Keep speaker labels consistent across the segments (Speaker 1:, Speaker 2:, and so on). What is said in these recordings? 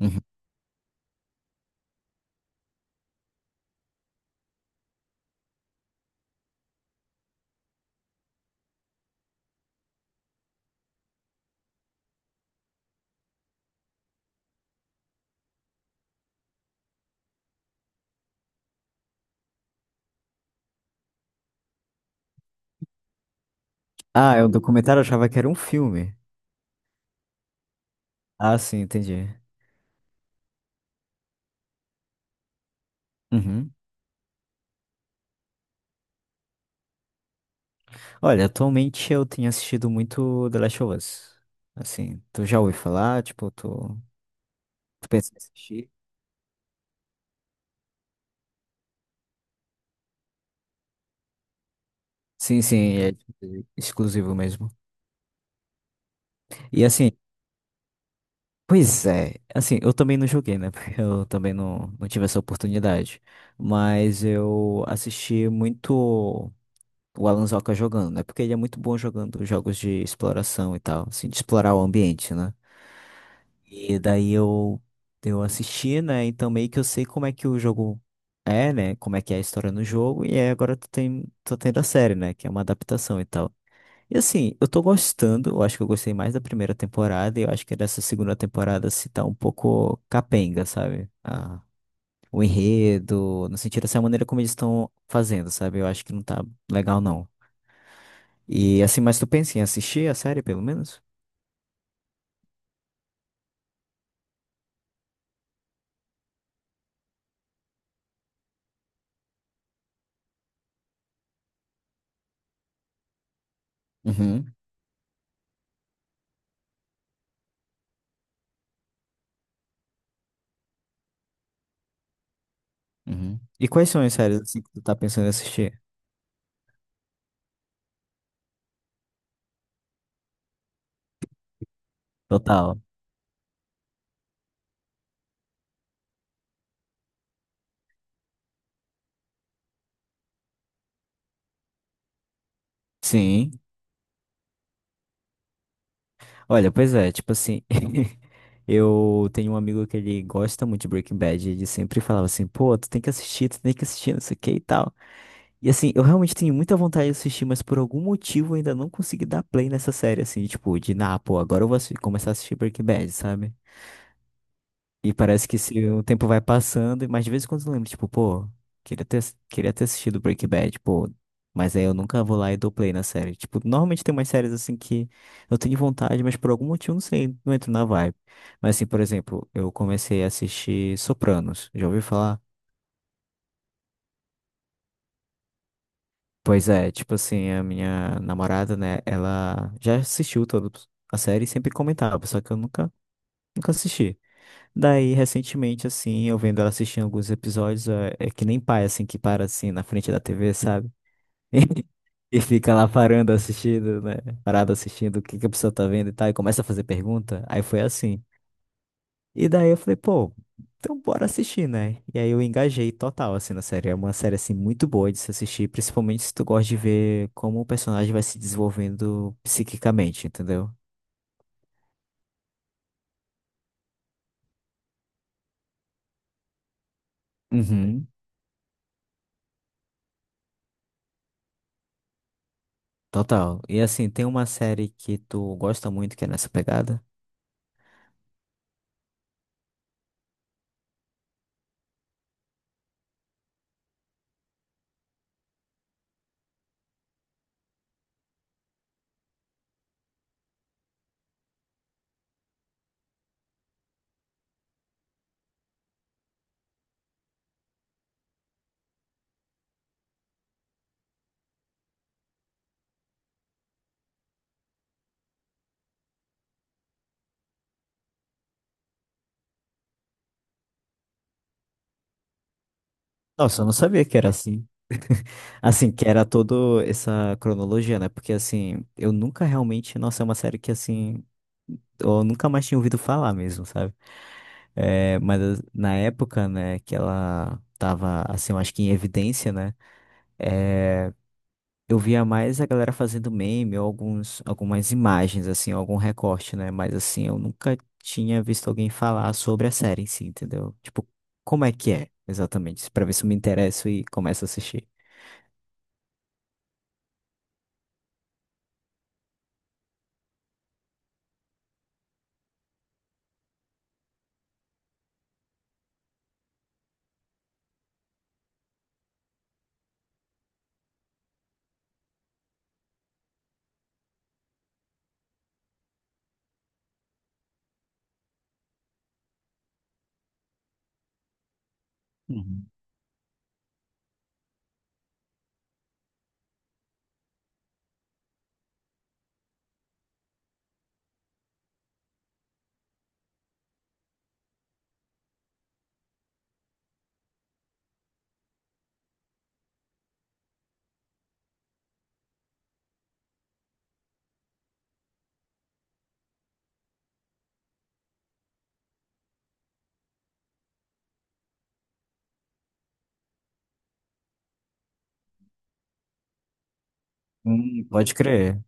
Speaker 1: Uhum. Ah, é um documentário, eu achava que era um filme. Ah, sim, entendi. Uhum. Olha, atualmente eu tenho assistido muito The Last of Us. Assim, tu já ouviu falar? Tipo, tu pensa em assistir? Sim, sim, é tipo, exclusivo mesmo. E assim, pois é, assim, eu também não joguei, né? Porque eu também não tive essa oportunidade. Mas eu assisti muito o Alan Zoka jogando, né? Porque ele é muito bom jogando jogos de exploração e tal, assim, de explorar o ambiente, né? E daí eu assisti, né? Então meio que eu sei como é que o jogo é, né? Como é que é a história no jogo. E aí agora tô tendo a série, né? Que é uma adaptação e tal. E assim, eu tô gostando. Eu acho que eu gostei mais da primeira temporada. E eu acho que dessa segunda temporada se tá um pouco capenga, sabe? Ah, o enredo, no sentido dessa maneira como eles estão fazendo, sabe? Eu acho que não tá legal, não. E assim, mas tu pensa em assistir a série, pelo menos? Uhum, uhum. E quais são as séries assim, que tu tá pensando em assistir? Total. Sim. Olha, pois é, tipo assim, eu tenho um amigo que ele gosta muito de Breaking Bad, e ele sempre falava assim, pô, tu tem que assistir, tu tem que assistir, não sei o que e tal. E assim, eu realmente tenho muita vontade de assistir, mas por algum motivo eu ainda não consegui dar play nessa série, assim, tipo, de, ah, pô, agora eu vou começar a assistir Breaking Bad, sabe? E parece que se o tempo vai passando, mas de vez em quando eu lembro, tipo, pô, queria ter, queria ter assistido Breaking Bad, pô, mas aí eu nunca vou lá e dou play na série. Tipo, normalmente tem umas séries assim que eu tenho vontade, mas por algum motivo, não sei, não entro na vibe. Mas assim, por exemplo, eu comecei a assistir Sopranos, já ouviu falar? Pois é, tipo assim, a minha namorada, né, ela já assistiu toda a série e sempre comentava, só que eu nunca assisti. Daí, recentemente, assim, eu vendo ela assistindo alguns episódios, é que nem pai, assim, que para, assim, na frente da TV, sabe? E fica lá parando, assistindo, né? Parado assistindo o que que a pessoa tá vendo e tal, e começa a fazer pergunta. Aí foi assim. E daí eu falei, pô, então bora assistir, né? E aí eu engajei total, assim, na série. É uma série, assim, muito boa de se assistir, principalmente se tu gosta de ver como o personagem vai se desenvolvendo psiquicamente, entendeu? Uhum. Total. E assim, tem uma série que tu gosta muito que é nessa pegada? Nossa, eu não sabia que era assim. Assim, que era toda essa cronologia, né? Porque, assim, eu nunca realmente. Nossa, é uma série que, assim. Eu nunca mais tinha ouvido falar mesmo, sabe? É, mas na época, né, que ela tava, assim, eu acho que em evidência, né? Eu via mais a galera fazendo meme ou algumas imagens, assim, algum recorte, né? Mas, assim, eu nunca tinha visto alguém falar sobre a série em si, entendeu? Tipo, como é que é, exatamente? Pra ver se eu me interesso e começo a assistir. Pode crer.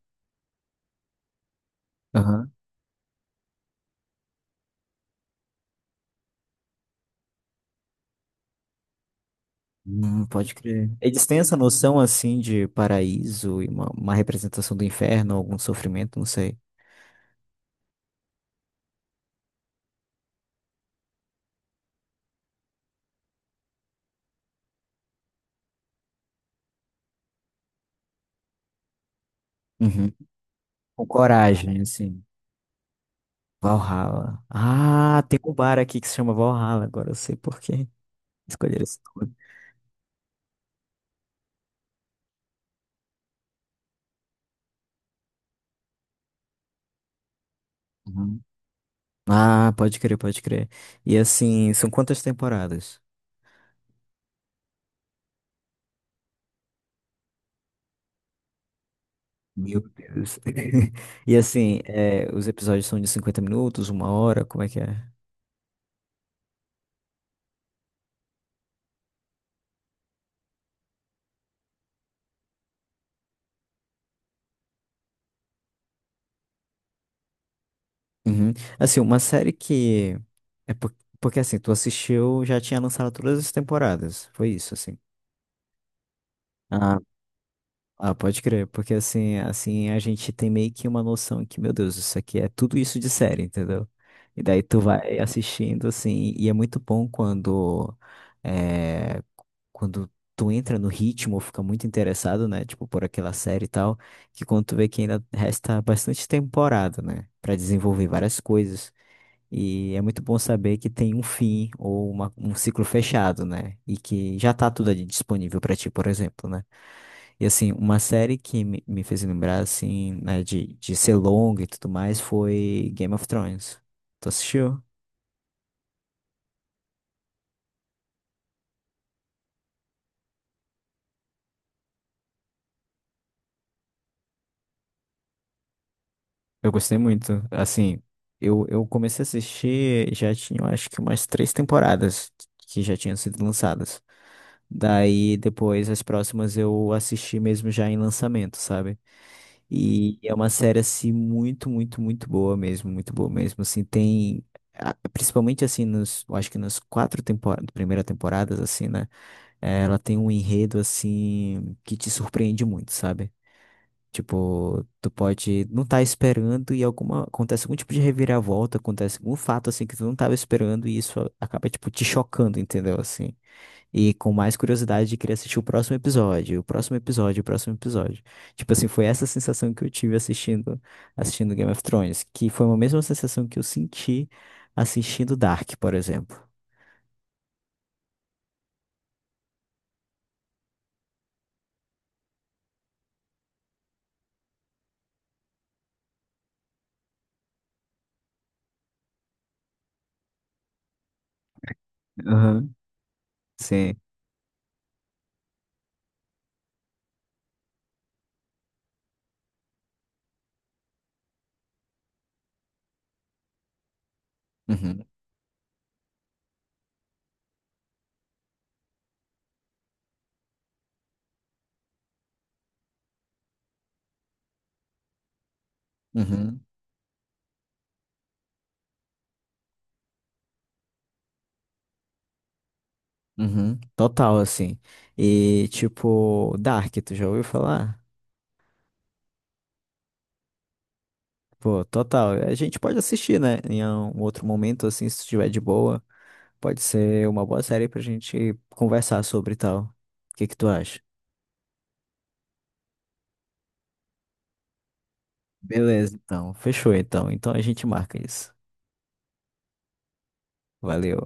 Speaker 1: Aham. Pode crer. Eles têm essa noção assim de paraíso e uma representação do inferno, algum sofrimento, não sei. Uhum. Com coragem, assim. Valhalla. Ah, tem um bar aqui que se chama Valhalla, agora eu sei por que escolheram esse nome. Uhum. Ah, pode crer, pode crer. E assim, são quantas temporadas? Meu Deus. E assim, é, os episódios são de 50 minutos, uma hora, como é que é? Uhum. Assim, uma série que. É por- Porque assim, tu assistiu, já tinha lançado todas as temporadas. Foi isso, assim. Ah, ah, pode crer. Porque assim, a gente tem meio que uma noção que, meu Deus, isso aqui é tudo isso de série, entendeu? E daí tu vai assistindo, assim, e é muito bom quando. É... Quando tu entra no ritmo, fica muito interessado, né? Tipo, por aquela série e tal, que quando tu vê que ainda resta bastante temporada, né? Pra desenvolver várias coisas. E é muito bom saber que tem um fim ou um ciclo fechado, né? E que já tá tudo ali disponível pra ti, por exemplo, né? E assim, uma série que me fez lembrar, assim, né, de ser longa e tudo mais foi Game of Thrones. Tu assistiu? Eu gostei muito. Assim, eu comecei a assistir, já tinha, eu acho que umas três temporadas que já tinham sido lançadas. Daí, depois, as próximas eu assisti mesmo já em lançamento, sabe? E é uma série, assim, muito, muito, muito boa mesmo, assim, tem, principalmente, assim, eu acho que nas quatro temporadas, primeira temporadas, assim, né, ela tem um enredo, assim, que te surpreende muito, sabe? Tipo, tu pode não estar esperando e acontece algum tipo de reviravolta, acontece algum fato, assim, que tu não tava esperando e isso acaba, tipo, te chocando, entendeu, assim? E com mais curiosidade de querer assistir o próximo episódio, o próximo episódio, o próximo episódio. Tipo assim, foi essa sensação que eu tive assistindo Game of Thrones, que foi a mesma sensação que eu senti assistindo Dark, por exemplo. Aham. Sim. Uhum, uhum, uhum. Total, assim. E, tipo, Dark, tu já ouviu falar? Pô, total. A gente pode assistir, né? Em um outro momento, assim, se estiver de boa. Pode ser uma boa série pra gente conversar sobre e tal. O que que tu acha? Beleza, então. Fechou, então. Então a gente marca isso. Valeu.